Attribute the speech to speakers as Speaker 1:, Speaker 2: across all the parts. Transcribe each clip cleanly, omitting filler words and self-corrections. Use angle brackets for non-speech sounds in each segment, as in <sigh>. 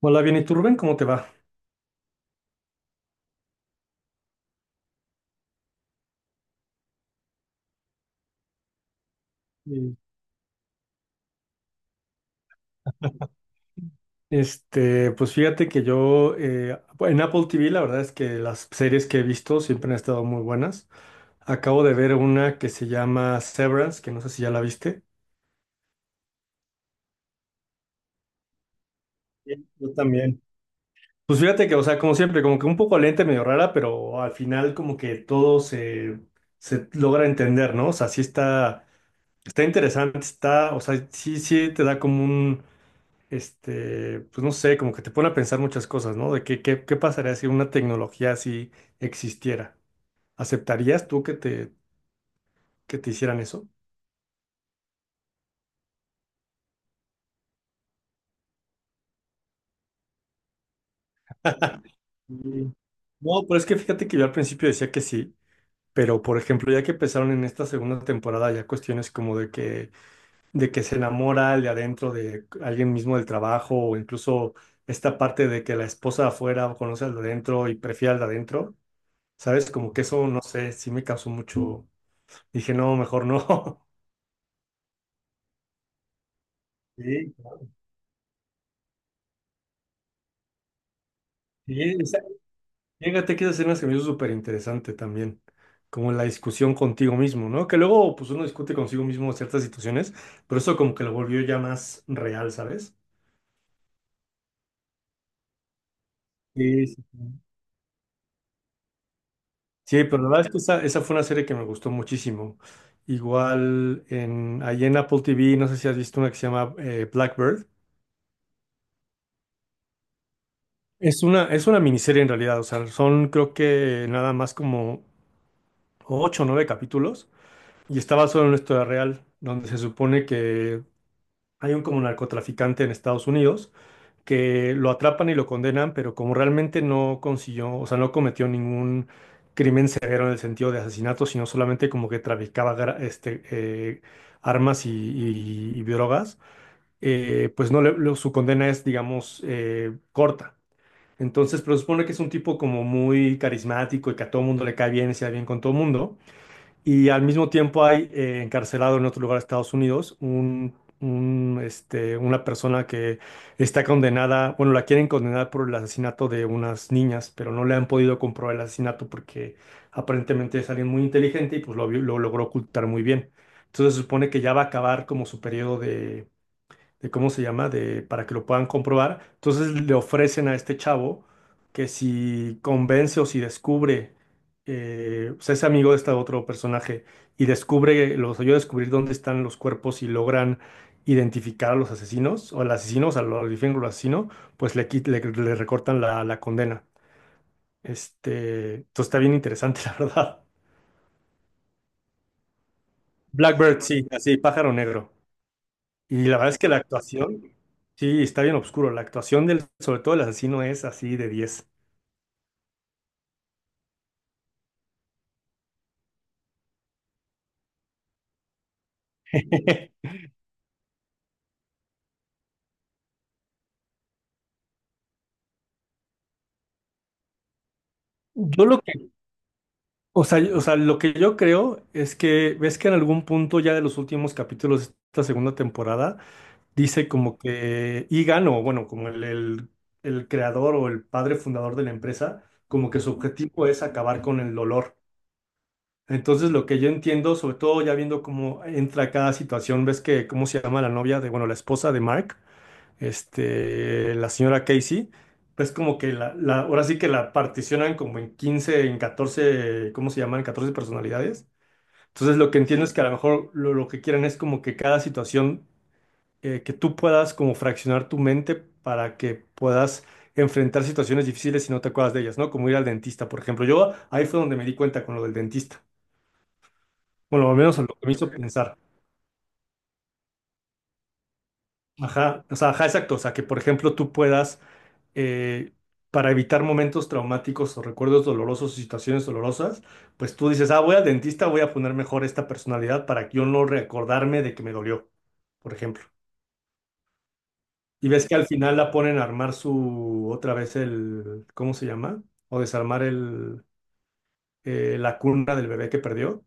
Speaker 1: Hola, bien, ¿y tú, Rubén? ¿Cómo te va? Bien. Pues fíjate que yo en Apple TV la verdad es que las series que he visto siempre han estado muy buenas. Acabo de ver una que se llama Severance, que no sé si ya la viste. Sí, yo también. Pues fíjate que, o sea, como siempre, como que un poco lenta, y medio rara, pero al final como que todo se logra entender, ¿no? O sea, sí está, interesante, está, o sea, sí, sí te da como un, este, pues no sé, como que te pone a pensar muchas cosas, ¿no? De qué pasaría si una tecnología así existiera. ¿Aceptarías tú que te, hicieran eso? Mm. No, pero es que fíjate que yo al principio decía que sí, pero por ejemplo, ya que empezaron en esta segunda temporada, ya cuestiones como de que se enamora el de adentro de alguien mismo del trabajo, o incluso esta parte de que la esposa de afuera conoce al de adentro y prefiere al de adentro, ¿sabes? Como que eso, no sé, sí me causó mucho. Dije, no, mejor no. <laughs> Sí, sí, fíjate que esa escena se me hizo súper interesante también, como la discusión contigo mismo, ¿no? Que luego pues uno discute consigo mismo ciertas situaciones, pero eso como que lo volvió ya más real, ¿sabes? Sí, sí, sí. Sí, pero la verdad es que esa fue una serie que me gustó muchísimo. Igual ahí en Apple TV, no sé si has visto una que se llama Blackbird. Es una miniserie en realidad, o sea, son creo que nada más como ocho o nueve capítulos y estaba solo en una historia real, donde se supone que hay un como narcotraficante en Estados Unidos que lo atrapan y lo condenan, pero como realmente no consiguió, o sea, no cometió ningún crimen severo en el sentido de asesinato, sino solamente como que traficaba este, armas y drogas, pues no su condena es, digamos, corta. Entonces, pero supone que es un tipo como muy carismático y que a todo mundo le cae bien y se da bien con todo mundo. Y al mismo tiempo hay encarcelado en otro lugar de Estados Unidos una persona que está condenada, bueno, la quieren condenar por el asesinato de unas niñas, pero no le han podido comprobar el asesinato porque aparentemente es alguien muy inteligente y pues lo logró ocultar muy bien. Entonces se supone que ya va a acabar como su periodo de cómo se llama, de para que lo puedan comprobar. Entonces le ofrecen a este chavo que si convence o si descubre, o sea, es amigo de este otro personaje y descubre, los ayuda a descubrir dónde están los cuerpos y logran identificar a los asesinos o al asesino, o sea, lo identifican con el asesino, pues le recortan la condena. Entonces está bien interesante, <laughs> la verdad. Blackbird, sí, así, pájaro negro. Y la verdad es que la actuación, sí, está bien oscuro. La actuación del, sobre todo el asesino, es así de 10. <laughs> Yo lo que, o sea, lo que yo creo es que ves que en algún punto ya de los últimos capítulos de esta segunda temporada dice como que Egan o bueno, como el creador o el padre fundador de la empresa, como que su objetivo es acabar con el dolor. Entonces lo que yo entiendo, sobre todo ya viendo cómo entra cada situación, ves que cómo se llama la novia de, bueno, la esposa de Mark. La señora Casey, pues como que ahora sí que la particionan como en 15 en 14, ¿cómo se llaman? 14 personalidades. Entonces lo que entiendo es que a lo mejor lo que quieren es como que cada situación, que tú puedas como fraccionar tu mente para que puedas enfrentar situaciones difíciles si no te acuerdas de ellas, ¿no? Como ir al dentista, por ejemplo. Yo ahí fue donde me di cuenta con lo del dentista. Bueno, al menos lo que me hizo pensar. Ajá, o sea, ajá, exacto. O sea, que por ejemplo tú puedas eh, para evitar momentos traumáticos o recuerdos dolorosos o situaciones dolorosas, pues tú dices, ah, voy al dentista, voy a poner mejor esta personalidad para que yo no recordarme de que me dolió, por ejemplo. Y ves que al final la ponen a armar su, otra vez el, ¿cómo se llama? O desarmar la cuna del bebé que perdió.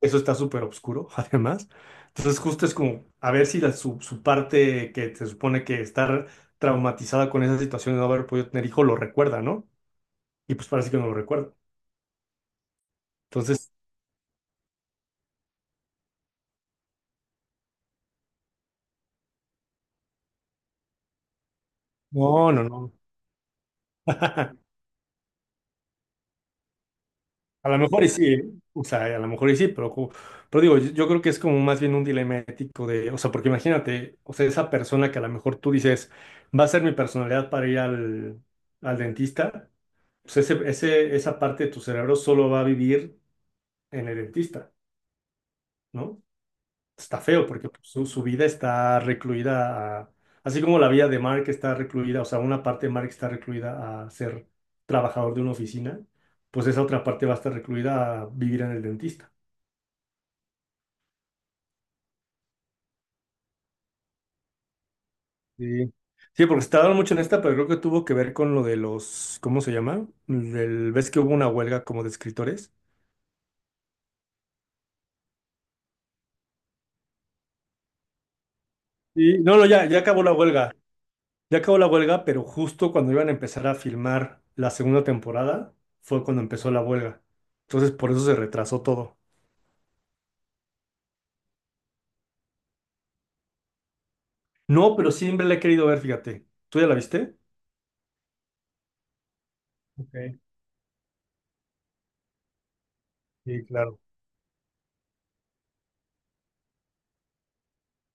Speaker 1: Eso está súper oscuro, <laughs> además. Entonces justo es como, a ver si su parte que se supone que estar traumatizada con esa situación de no haber podido tener hijo lo recuerda, ¿no? Y pues parece que no lo recuerdo. Entonces, no, no, no. <laughs> A lo mejor y sí, ¿eh? O sea, a lo mejor y sí, pero, pero digo, yo creo que es como más bien un dilema ético de, o sea, porque imagínate, o sea, esa persona que a lo mejor tú dices, va a ser mi personalidad para ir al, dentista, pues esa parte de tu cerebro solo va a vivir en el dentista, ¿no? Está feo porque pues, su vida está recluida a, así como la vida de Mark está recluida, o sea, una parte de Mark está recluida a ser trabajador de una oficina, pues esa otra parte va a estar recluida a vivir en el dentista. Sí. Sí, porque se tardaron mucho en esta, pero creo que tuvo que ver con lo de los, ¿cómo se llama? Del, ¿ves que hubo una huelga como de escritores? Y no, no, ya, ya acabó la huelga, ya acabó la huelga, pero justo cuando iban a empezar a filmar la segunda temporada fue cuando empezó la huelga. Entonces, por eso se retrasó todo. No, pero siempre la he querido ver, fíjate. ¿Tú ya la viste? Ok, sí, claro.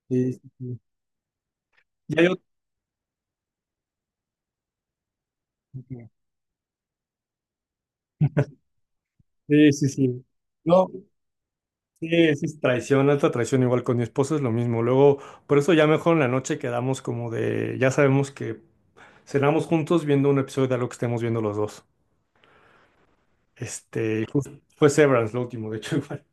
Speaker 1: Sí, sí, sí. Ya yo. Ok. Sí, sí, sí. No, sí, sí. Es traición, alta traición, igual con mi esposa es lo mismo. Luego, por eso ya mejor en la noche quedamos como de, ya sabemos que cenamos juntos viendo un episodio de algo que estemos viendo los dos. Fue Severance lo último, de hecho, <laughs> igual.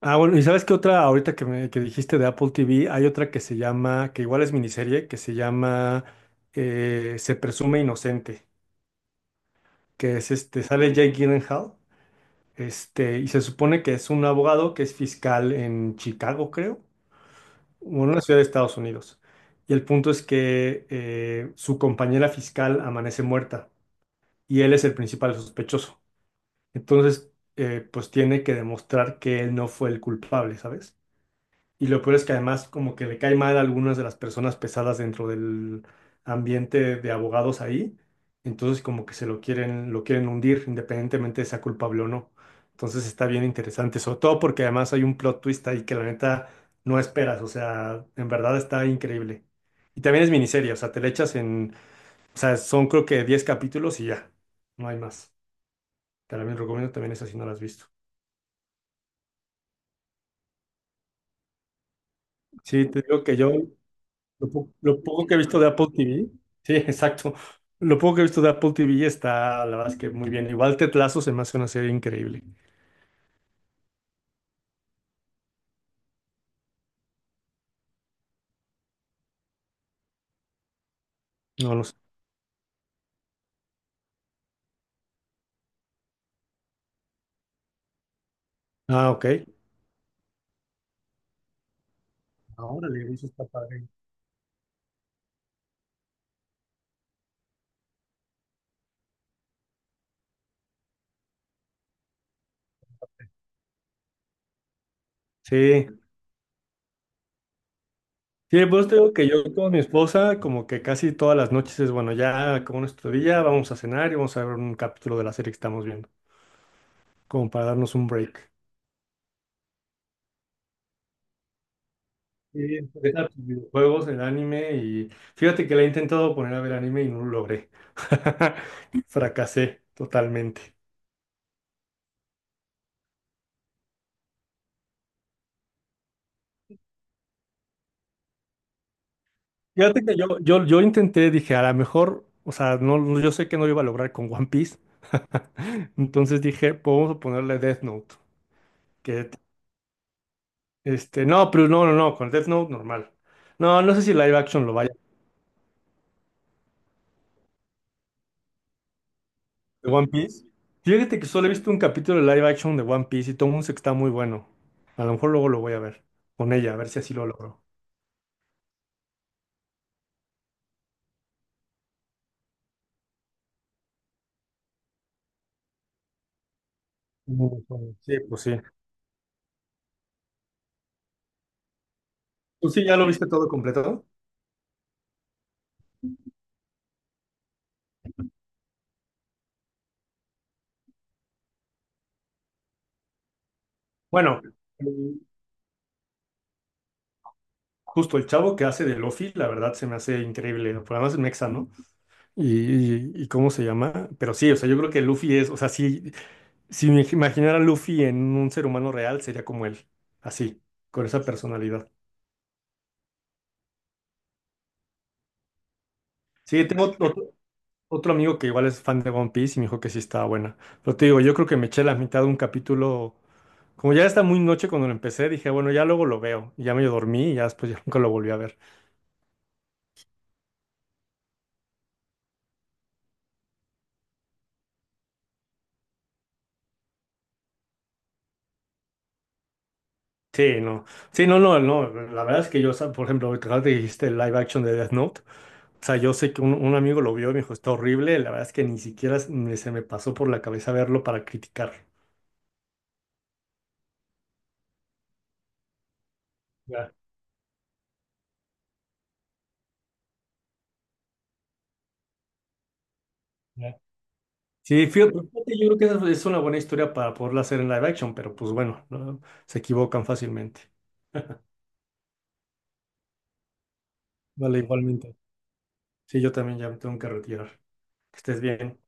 Speaker 1: Ah, bueno, y sabes qué otra, ahorita que me que dijiste de Apple TV, hay otra que se llama, que igual es miniserie, que se llama Se presume inocente. Que es sale Jake Gyllenhaal, y se supone que es un abogado que es fiscal en Chicago, creo, o en una ciudad de Estados Unidos. Y el punto es que su compañera fiscal amanece muerta y él es el principal sospechoso. Entonces, pues tiene que demostrar que él no fue el culpable, ¿sabes? Y lo peor es que además como que le cae mal a algunas de las personas pesadas dentro del ambiente de abogados ahí. Entonces como que lo quieren hundir independientemente de sea culpable o no. Entonces está bien interesante, sobre todo porque además hay un plot twist ahí que la neta no esperas. O sea, en verdad está increíble. Y también es miniserie, o sea, te le echas en, o sea, son creo que 10 capítulos y ya, no hay más. Te la recomiendo también esa si no la has visto. Sí, te digo que yo. Lo poco que he visto de Apple TV, sí, <laughs> exacto. Lo poco que he visto de Apple TV está, la verdad es que muy bien. Igual Tetlazo se me hace una serie increíble. No lo sé. Ah, ok. Ahora le eso está padre. Sí, sí, pues te digo que yo con mi esposa, como que casi todas las noches es, bueno, ya como nuestro día, vamos a cenar y vamos a ver un capítulo de la serie que estamos viendo, como para darnos un break. Sí, empezar tus videojuegos, el anime y fíjate que le he intentado poner a ver anime y no lo logré. <laughs> Fracasé totalmente. Fíjate que yo intenté, dije, a lo mejor, o sea, yo sé que no lo iba a lograr con One Piece. <laughs> Entonces dije, pues vamos a ponerle Death Note. Que, no, pero no, no, no, con Death Note normal. No, no sé si live action lo vaya. ¿De One Piece? Fíjate que solo he visto un capítulo de live action de One Piece y todo el mundo dice que está muy bueno. A lo mejor luego lo voy a ver con ella, a ver si así lo logro. Mm, sí, pues sí. ¿Tú sí ya lo viste todo completo? Bueno, justo el chavo que hace de Luffy, la verdad se me hace increíble. Por además es mexa, ¿no? Y cómo se llama, pero sí, o sea, yo creo que Luffy es, o sea, si, me imaginara a Luffy en un ser humano real, sería como él, así, con esa personalidad. Sí, tengo otro amigo que igual es fan de One Piece y me dijo que sí estaba buena, pero te digo, yo creo que me eché la mitad de un capítulo, como ya está muy noche cuando lo empecé, dije, bueno, ya luego lo veo, y ya medio dormí y ya después ya <laughs> nunca lo volví a ver. Sí, no, sí, no, no, no, la verdad es que yo, o sea, por ejemplo, ahorita que dijiste el live action de Death Note. O sea, yo sé que un amigo lo vio y me dijo, está horrible. La verdad es que ni siquiera se me pasó por la cabeza verlo para criticar. Ya, ya. Sí, fíjate, fíjate, yo creo que esa es una buena historia para poderla hacer en live action, pero pues bueno, no, se equivocan fácilmente. <laughs> Vale, igualmente. Sí, yo también ya me tengo que retirar. Que estés bien.